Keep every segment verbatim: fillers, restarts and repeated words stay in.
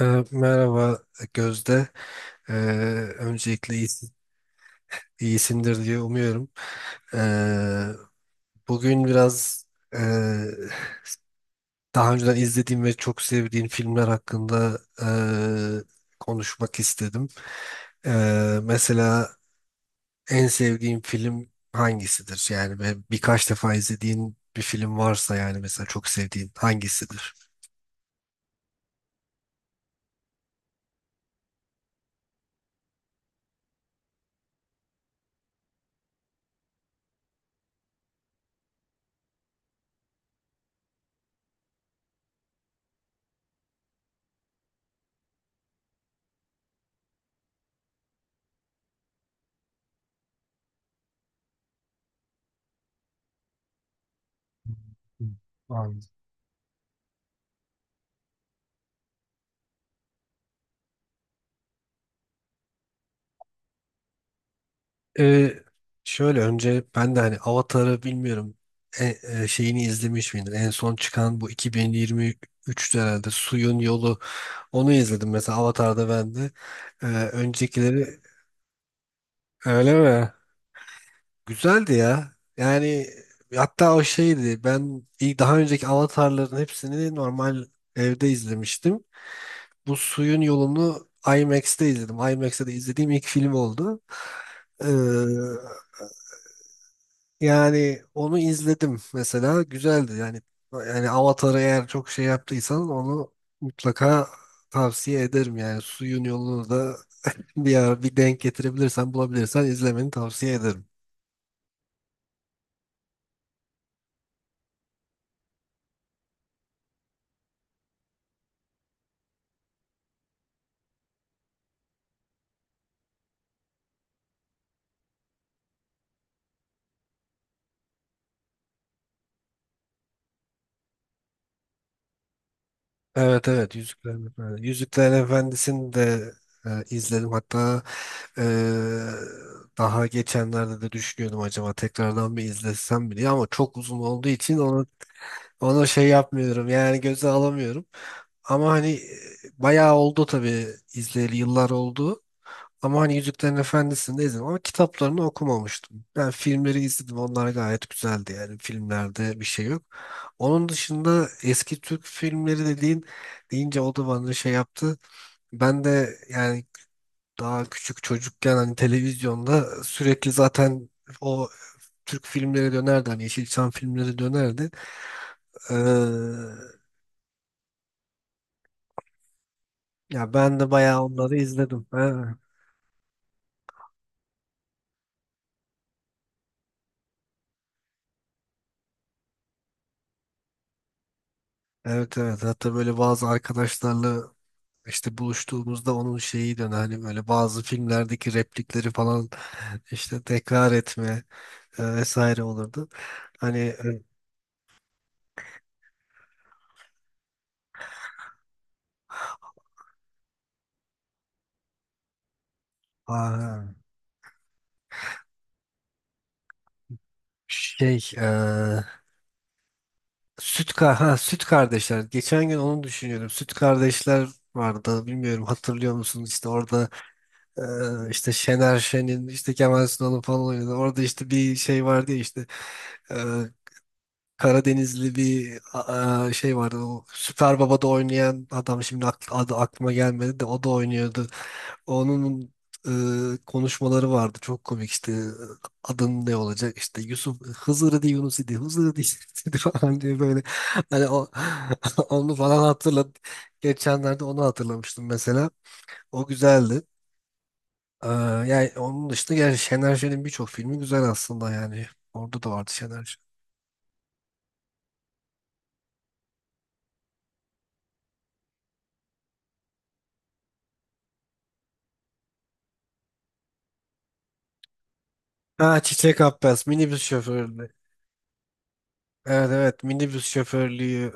Ee, Merhaba Gözde. Ee, Öncelikle iyisi- iyisindir diye umuyorum. Ee, Bugün biraz e, daha önceden izlediğim ve çok sevdiğim filmler hakkında e, konuşmak istedim. Ee, mesela en sevdiğim film hangisidir? Yani ve birkaç defa izlediğin bir film varsa yani mesela çok sevdiğin hangisidir? Hı. Ee, Şöyle önce ben de hani Avatar'ı bilmiyorum e- e, şeyini izlemiş miydim? En son çıkan bu iki bin yirmi üçte herhalde Suyun Yolu, onu izledim mesela Avatar'da ben de. Ee, öncekileri öyle mi? Güzeldi ya. Yani hatta o şeydi, ben ilk daha önceki Avatar'ların hepsini normal evde izlemiştim. Bu Suyun Yolunu I MAX'te izledim. I MAX'te de izlediğim ilk film oldu. Yani onu izledim mesela, güzeldi yani. Yani Avatar'ı eğer çok şey yaptıysan onu mutlaka tavsiye ederim, yani suyun yolunu da bir ara bir denk getirebilirsen bulabilirsen izlemeni tavsiye ederim. Evet evet, Yüzüklerin Efendisi. Yüzüklerin Efendisi'ni de e, izledim, hatta e, daha geçenlerde de düşünüyordum acaba tekrardan bir izlesem mi diye, ama çok uzun olduğu için onu onu şey yapmıyorum yani, göze alamıyorum. Ama hani e, bayağı oldu tabii, izleyeli yıllar oldu. Ama hani Yüzüklerin Efendisi'ni de izledim ama kitaplarını okumamıştım. Ben filmleri izledim. Onlar gayet güzeldi yani. Filmlerde bir şey yok. Onun dışında eski Türk filmleri dediğin deyince o da bana şey yaptı. Ben de yani daha küçük çocukken hani televizyonda sürekli zaten o Türk filmleri dönerdi. Hani Yeşilçam filmleri dönerdi. Ee, Ya ben de bayağı onları izledim. Ha. Evet evet, hatta böyle bazı arkadaşlarla işte buluştuğumuzda onun şeyi dön hani böyle bazı filmlerdeki replikleri falan işte tekrar etme e, vesaire olurdu. Hani e, aa, şey, e, süt ka ha, süt kardeşler, geçen gün onu düşünüyorum, süt kardeşler vardı, bilmiyorum hatırlıyor musun işte orada e, işte Şener Şen'in işte Kemal Sunal'ın falan oynadı, orada işte bir şey vardı ya işte e, Karadenizli bir a- a, şey vardı. O Süper Baba'da oynayan adam şimdi ak- adı aklıma gelmedi, de o da oynuyordu. Onun e, konuşmaları vardı. Çok komik işte adın ne olacak işte Yusuf Hızır idi Yunus idi Hızır idi idi falan diye böyle, hani o onu falan hatırladım. Geçenlerde onu hatırlamıştım mesela. O güzeldi. Ee, Yani onun dışında yani Şener Şen'in birçok filmi güzel aslında yani. Orada da vardı Şener Şen. Ha, Çiçek Abbas, minibüs şoförü. Evet evet, minibüs şoförlüğü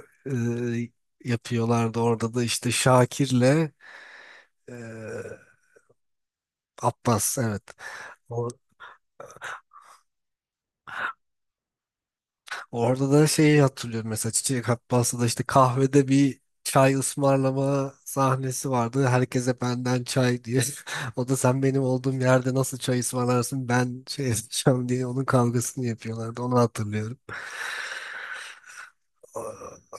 e, yapıyorlardı orada da, işte Şakir'le e, Abbas, evet. Or- Orada da şeyi hatırlıyorum mesela, Çiçek Abbas'ta da işte kahvede bir çay ısmarlama sahnesi vardı. Herkese benden çay diye. O da sen benim olduğum yerde nasıl çay ısmarlarsın, ben şey yapacağım diye onun kavgasını yapıyorlardı. Onu hatırlıyorum. Aa.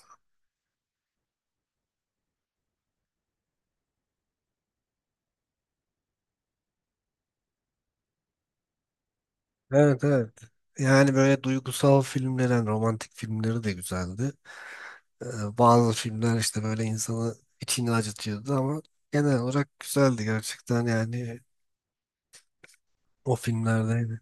Evet evet. Yani böyle duygusal filmler, yani romantik filmleri de güzeldi. Ee, bazı filmler işte böyle insanı içini acıtıyordu ama genel olarak güzeldi gerçekten yani, o filmlerdeydi.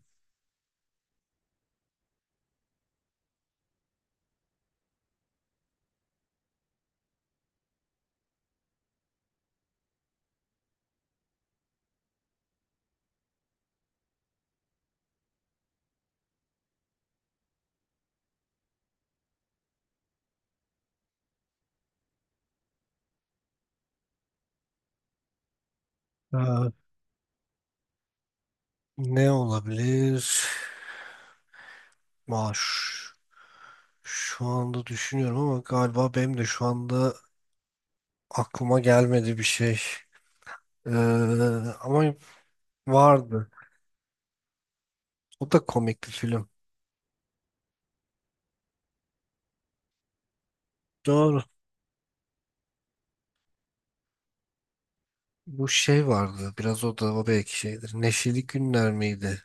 Ee, Ne olabilir? Aa, ş- şu anda düşünüyorum ama galiba benim de şu anda aklıma gelmedi bir şey. Ee, Ama vardı. O da komik bir film. Doğru. Bu şey vardı. Biraz o da o belki şeydir. Neşeli Günler miydi?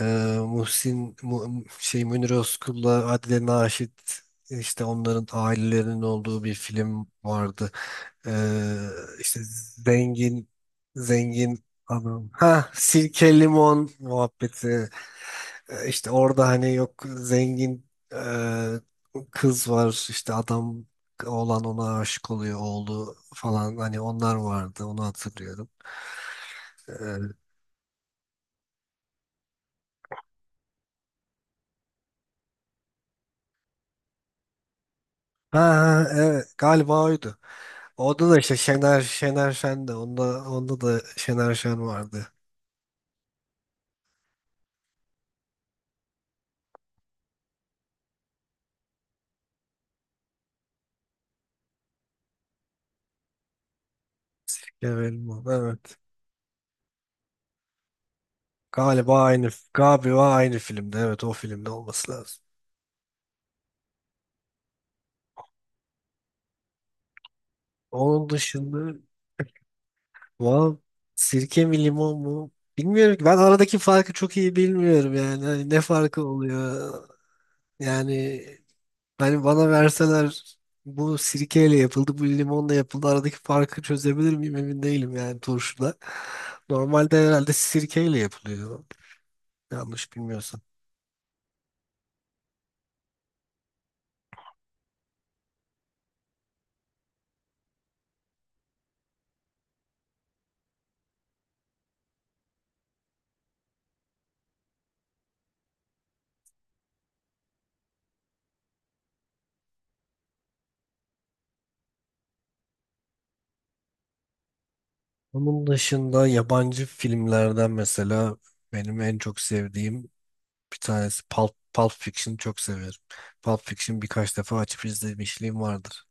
Ee, Muhsin Mu- şey, Münir Özkul'la Adile Naşit, işte onların ailelerinin olduğu bir film vardı. Ee, işte zengin, zengin adam. Ha, sirke limon muhabbeti. Ee, işte orada hani, yok zengin e, kız var, işte adam olan ona aşık oluyor oğlu falan, hani onlar vardı, onu hatırlıyorum. Ee, ha ha, evet galiba oydu. Orada da işte Şener Şener Şen de onda onda da Şener Şen vardı. Şener Şen, evet. Galiba aynı galiba aynı filmde. Evet o filmde olması lazım. Onun dışında wow, sirke mi limon mu? Bilmiyorum ki. Ben aradaki farkı çok iyi bilmiyorum yani. Hani ne farkı oluyor? Yani hani bana verseler bu sirkeyle yapıldı, bu limonla yapıldı. Aradaki farkı çözebilir miyim emin değilim yani, turşuda. Normalde herhalde sirkeyle yapılıyor. Yanlış bilmiyorsun. Onun dışında yabancı filmlerden mesela benim en çok sevdiğim bir tanesi Pulp, Pulp Fiction'ı çok severim. Pulp Fiction birkaç defa açıp izlemişliğim vardır.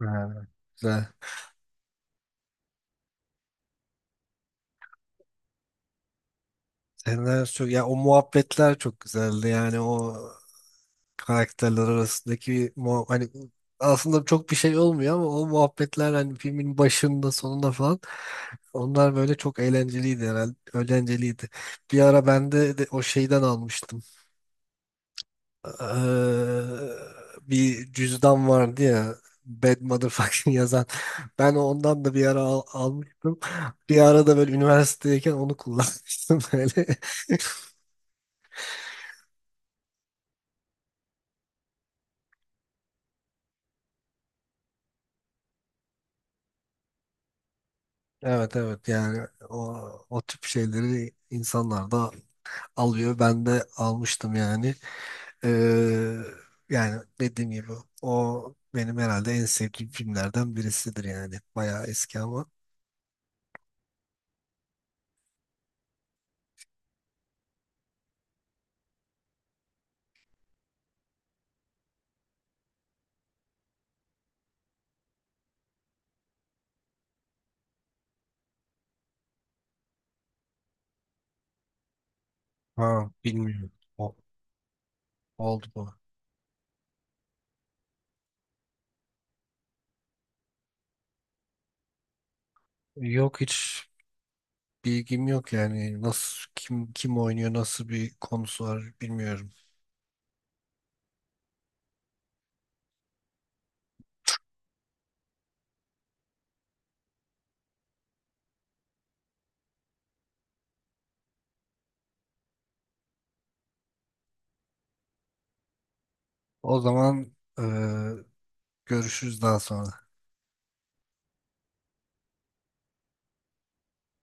Ha, güzel. Senler sö- ya o muhabbetler çok güzeldi yani, o karakterler arasındaki muha- hani aslında çok bir şey olmuyor ama o muhabbetler, hani filmin başında sonunda falan, onlar böyle çok eğlenceliydi, herhalde eğlenceliydi. Bir ara ben de, de o şeyden almıştım. Eee, Bir cüzdan vardı ya, Bad Motherfucking yazan. Ben ondan da bir ara al- almıştım. Bir ara da böyle üniversitedeyken onu kullanmıştım böyle. Evet evet, yani o, o tip şeyleri insanlar da alıyor. Ben de almıştım yani. Eee, Yani dediğim gibi o benim herhalde en sevdiğim filmlerden birisidir yani. Bayağı eski ama. Ha, bilmiyorum. O- Oldu bu. Yok, hiç bilgim yok yani, nasıl kim kim oynuyor, nasıl bir konusu var bilmiyorum. O zaman eee, görüşürüz daha sonra.